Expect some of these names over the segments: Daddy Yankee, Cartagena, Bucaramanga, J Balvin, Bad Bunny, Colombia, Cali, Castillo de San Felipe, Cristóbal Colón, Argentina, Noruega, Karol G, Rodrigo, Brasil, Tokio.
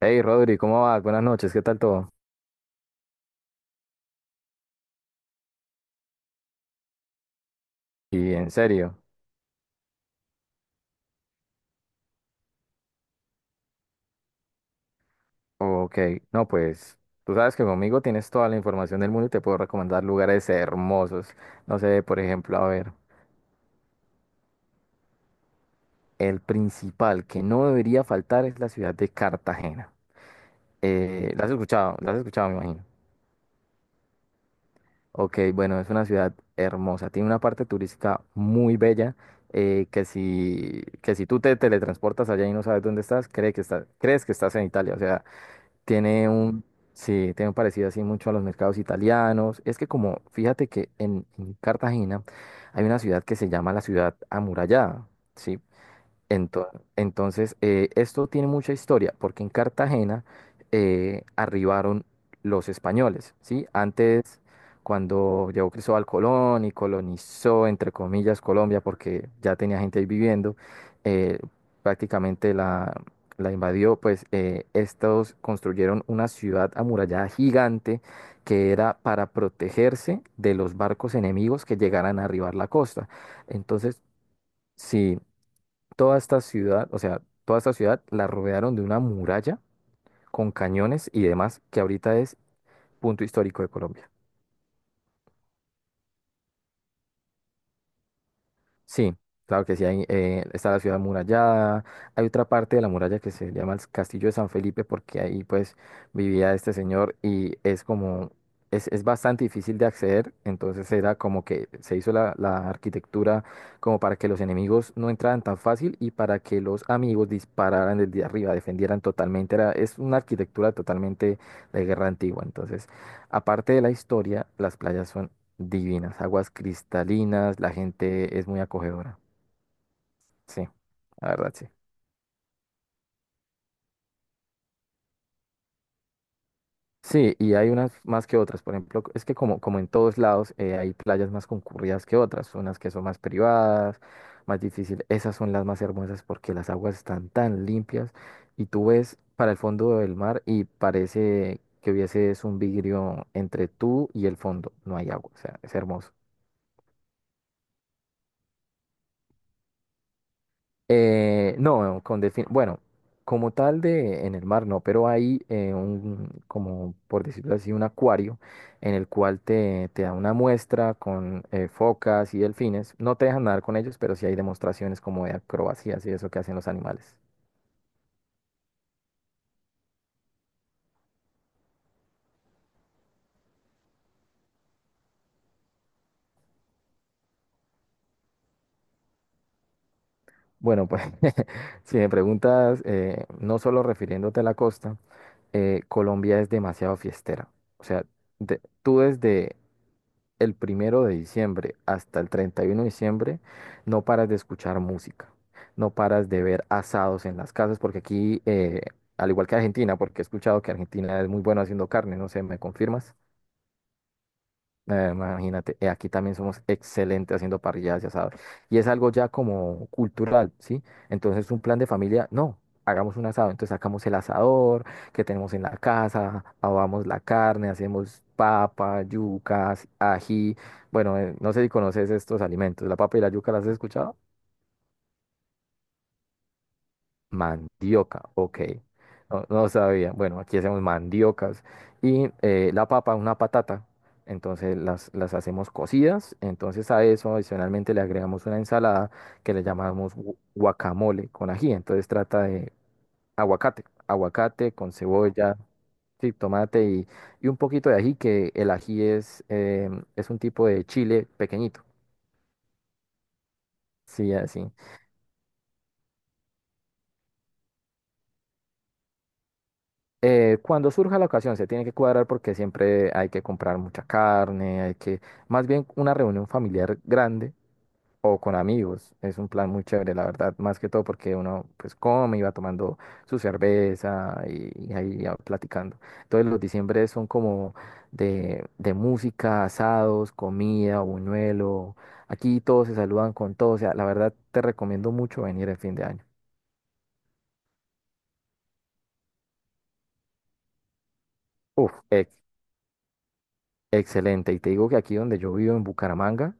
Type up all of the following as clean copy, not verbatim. Hey Rodri, ¿cómo vas? Buenas noches, ¿qué tal todo? Y en serio, ok, no pues, tú sabes que conmigo tienes toda la información del mundo y te puedo recomendar lugares hermosos. No sé, por ejemplo, a ver, el principal que no debería faltar es la ciudad de Cartagena. ¿La has escuchado? ¿La has escuchado, me imagino? Ok, bueno, es una ciudad hermosa, tiene una parte turística muy bella, que si tú te teletransportas allá y no sabes dónde estás, crees que estás en Italia, o sea. Tiene un, sí, tiene un parecido así mucho a los mercados italianos. Es que como, fíjate que en Cartagena hay una ciudad que se llama la ciudad amurallada, ¿sí? Ento- Entonces, esto tiene mucha historia, porque en Cartagena arribaron los españoles, ¿sí? Antes, cuando llegó Cristóbal Colón y colonizó, entre comillas, Colombia, porque ya tenía gente ahí viviendo, eh, prácticamente la invadió, pues estos construyeron una ciudad amurallada gigante que era para protegerse de los barcos enemigos que llegaran a arribar la costa. Entonces, sí, toda esta ciudad, o sea, toda esta ciudad la rodearon de una muralla con cañones y demás que ahorita es punto histórico de Colombia. Sí, claro que sí, está la ciudad amurallada, hay otra parte de la muralla que se llama el Castillo de San Felipe porque ahí pues vivía este señor y es como, es bastante difícil de acceder, entonces era como que se hizo la arquitectura como para que los enemigos no entraran tan fácil y para que los amigos dispararan desde arriba, defendieran totalmente, era, es una arquitectura totalmente de guerra antigua, entonces aparte de la historia, las playas son divinas, aguas cristalinas, la gente es muy acogedora. Sí, la verdad, sí. Sí, y hay unas más que otras. Por ejemplo, es que como en todos lados hay playas más concurridas que otras, unas que son más privadas, más difícil. Esas son las más hermosas porque las aguas están tan limpias y tú ves para el fondo del mar y parece que hubiese es un vidrio entre tú y el fondo. No hay agua, o sea, es hermoso. No, con delfín. Bueno, como tal de en el mar no, pero hay como por decirlo así, un acuario en el cual te da una muestra con focas y delfines. No te dejan nadar con ellos, pero sí hay demostraciones como de acrobacias y eso que hacen los animales. Bueno, pues si me preguntas, no solo refiriéndote a la costa, Colombia es demasiado fiestera. O sea, tú desde el 1 de diciembre hasta el 31 de diciembre, no paras de escuchar música, no paras de ver asados en las casas, porque aquí, al igual que Argentina, porque he escuchado que Argentina es muy bueno haciendo carne, no sé, ¿me confirmas? Imagínate, aquí también somos excelentes haciendo parrilladas y asados. Y es algo ya como cultural, ¿sí? Entonces un plan de familia, no, hagamos un asado. Entonces sacamos el asador que tenemos en la casa, ahogamos la carne, hacemos papa, yucas, ají. Bueno, no sé si conoces estos alimentos. ¿La papa y la yuca las has escuchado? Mandioca, ok. No, no sabía. Bueno, aquí hacemos mandiocas. Y la papa, una patata. Entonces las hacemos cocidas. Entonces a eso adicionalmente le agregamos una ensalada que le llamamos guacamole con ají. Entonces trata de aguacate. Aguacate con cebolla, sí, tomate y un poquito de ají, que el ají es un tipo de chile pequeñito. Sí, así. Cuando surja la ocasión, se tiene que cuadrar porque siempre hay que comprar mucha carne, más bien una reunión familiar grande o con amigos, es un plan muy chévere, la verdad, más que todo porque uno pues come y va tomando su cerveza y ahí va platicando. Entonces los diciembre son como de música, asados, comida, buñuelo, aquí todos se saludan con todos, o sea, la verdad te recomiendo mucho venir el fin de año. Uf, excelente, y te digo que aquí donde yo vivo en Bucaramanga,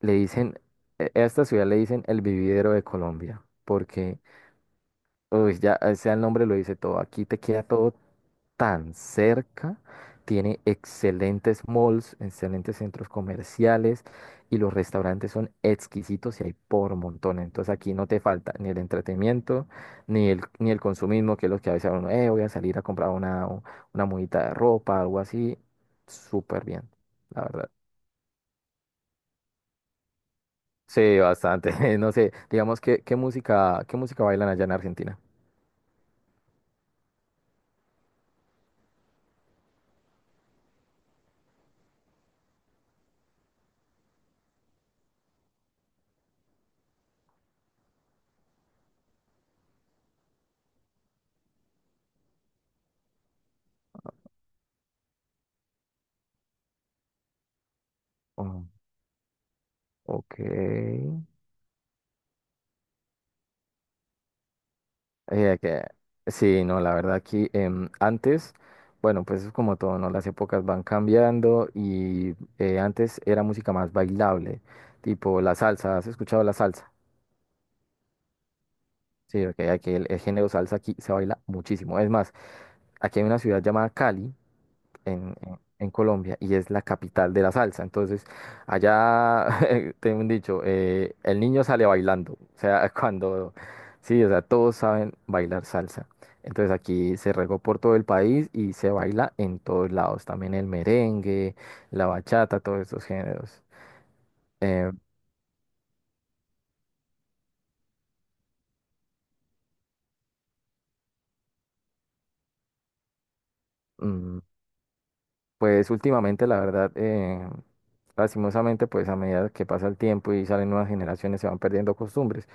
le dicen, a esta ciudad le dicen el vividero de Colombia, porque, uy, ya, o sea, el nombre lo dice todo, aquí te queda todo tan cerca, tiene excelentes malls, excelentes centros comerciales y los restaurantes son exquisitos y hay por montón, entonces aquí no te falta ni el entretenimiento, ni el consumismo, que es lo que a veces uno, voy a salir a comprar una mudita de ropa, algo así, súper bien, la verdad. Sí, bastante. No sé, digamos que qué música bailan allá en Argentina. Oh, ok. Eh, que- sí, no, la verdad aquí antes, bueno, pues es como todo, ¿no? Las épocas van cambiando y antes era música más bailable, tipo la salsa. ¿Has escuchado la salsa? Sí, ok, aquí el género salsa aquí se baila muchísimo. Es más, aquí hay una ciudad llamada Cali en, en Colombia y es la capital de la salsa. Entonces, allá tengo un dicho, el niño sale bailando. O sea, sí, o sea, todos saben bailar salsa. Entonces aquí se regó por todo el país y se baila en todos lados. También el merengue, la bachata, todos estos géneros. Eh, mm, pues últimamente, la verdad, lastimosamente, pues a medida que pasa el tiempo y salen nuevas generaciones, se van perdiendo costumbres.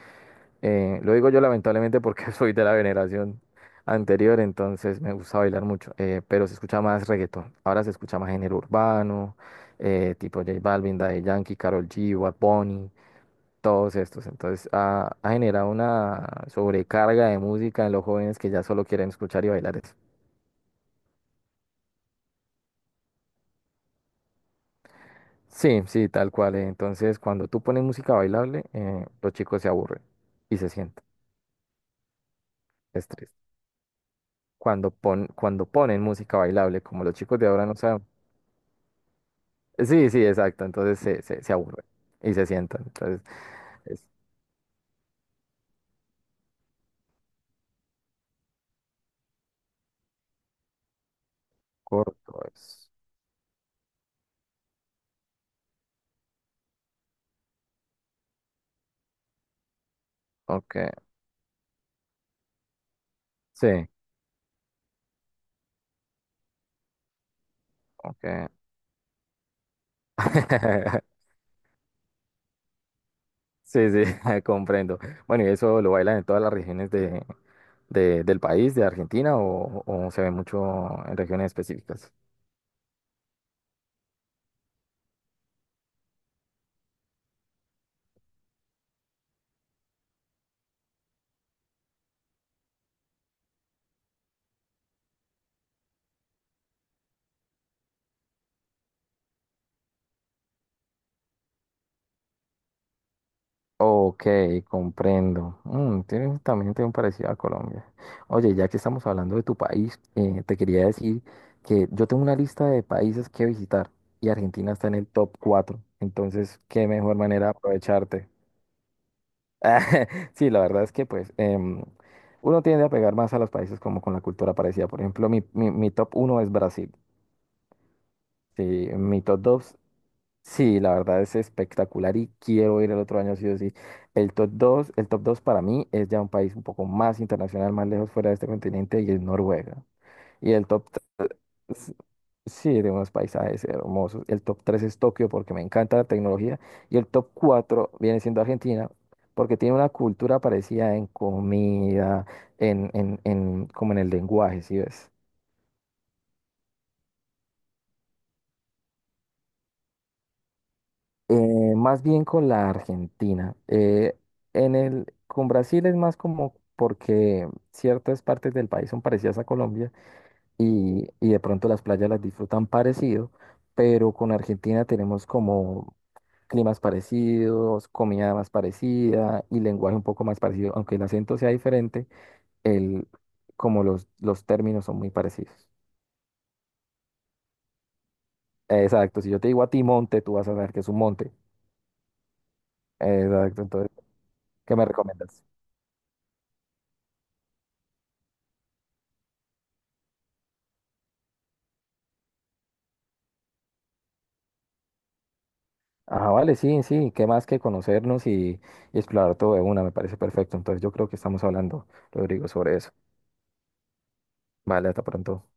Lo digo yo lamentablemente porque soy de la generación anterior, entonces me gusta bailar mucho, pero se escucha más reggaetón. Ahora se escucha más género urbano, tipo J Balvin, Daddy Yankee, Karol G, Bad Bunny, todos estos. Entonces ha generado una sobrecarga de música en los jóvenes que ya solo quieren escuchar y bailar eso. Sí, sí, tal cual. Entonces cuando tú pones música bailable, los chicos se aburren y se sientan. Es triste. Cuando ponen música bailable, como los chicos de ahora no saben. Sí, sí, exacto. Entonces se aburre y se sientan. Entonces es corto, es. Ok, sí, ok. Sí, sí, comprendo. Bueno, ¿y eso lo bailan en todas las regiones de, del país, de Argentina, o se ve mucho en regiones específicas? Ok, comprendo. También tiene un parecido a Colombia. Oye, ya que estamos hablando de tu país, te quería decir que yo tengo una lista de países que visitar y Argentina está en el top 4. Entonces, qué mejor manera de aprovecharte. Sí, la verdad es que pues uno tiende a pegar más a los países como con la cultura parecida. Por ejemplo, mi top uno es Brasil. Sí, mi top dos. Sí, la verdad es espectacular y quiero ir el otro año sí o sí. El top 2 para mí es ya un país un poco más internacional, más lejos fuera de este continente y es Noruega. Y el top s- Sí, de unos paisajes hermosos. El top 3 es Tokio porque me encanta la tecnología. Y el top 4 viene siendo Argentina porque tiene una cultura parecida en comida, como en el lenguaje, ¿sí ves? Más bien con la Argentina. Con Brasil es más como porque ciertas partes del país son parecidas a Colombia y de pronto las playas las disfrutan parecido, pero con Argentina tenemos como climas parecidos, comida más parecida y lenguaje un poco más parecido, aunque el acento sea diferente, el, como los términos son muy parecidos. Exacto, si yo te digo a ti monte, tú vas a saber que es un monte. Exacto, entonces, ¿qué me recomiendas? Ah, vale, sí, sí, qué más que conocernos y explorar todo de una, me parece perfecto. Entonces yo creo que estamos hablando, Rodrigo, sobre eso. Vale, hasta pronto.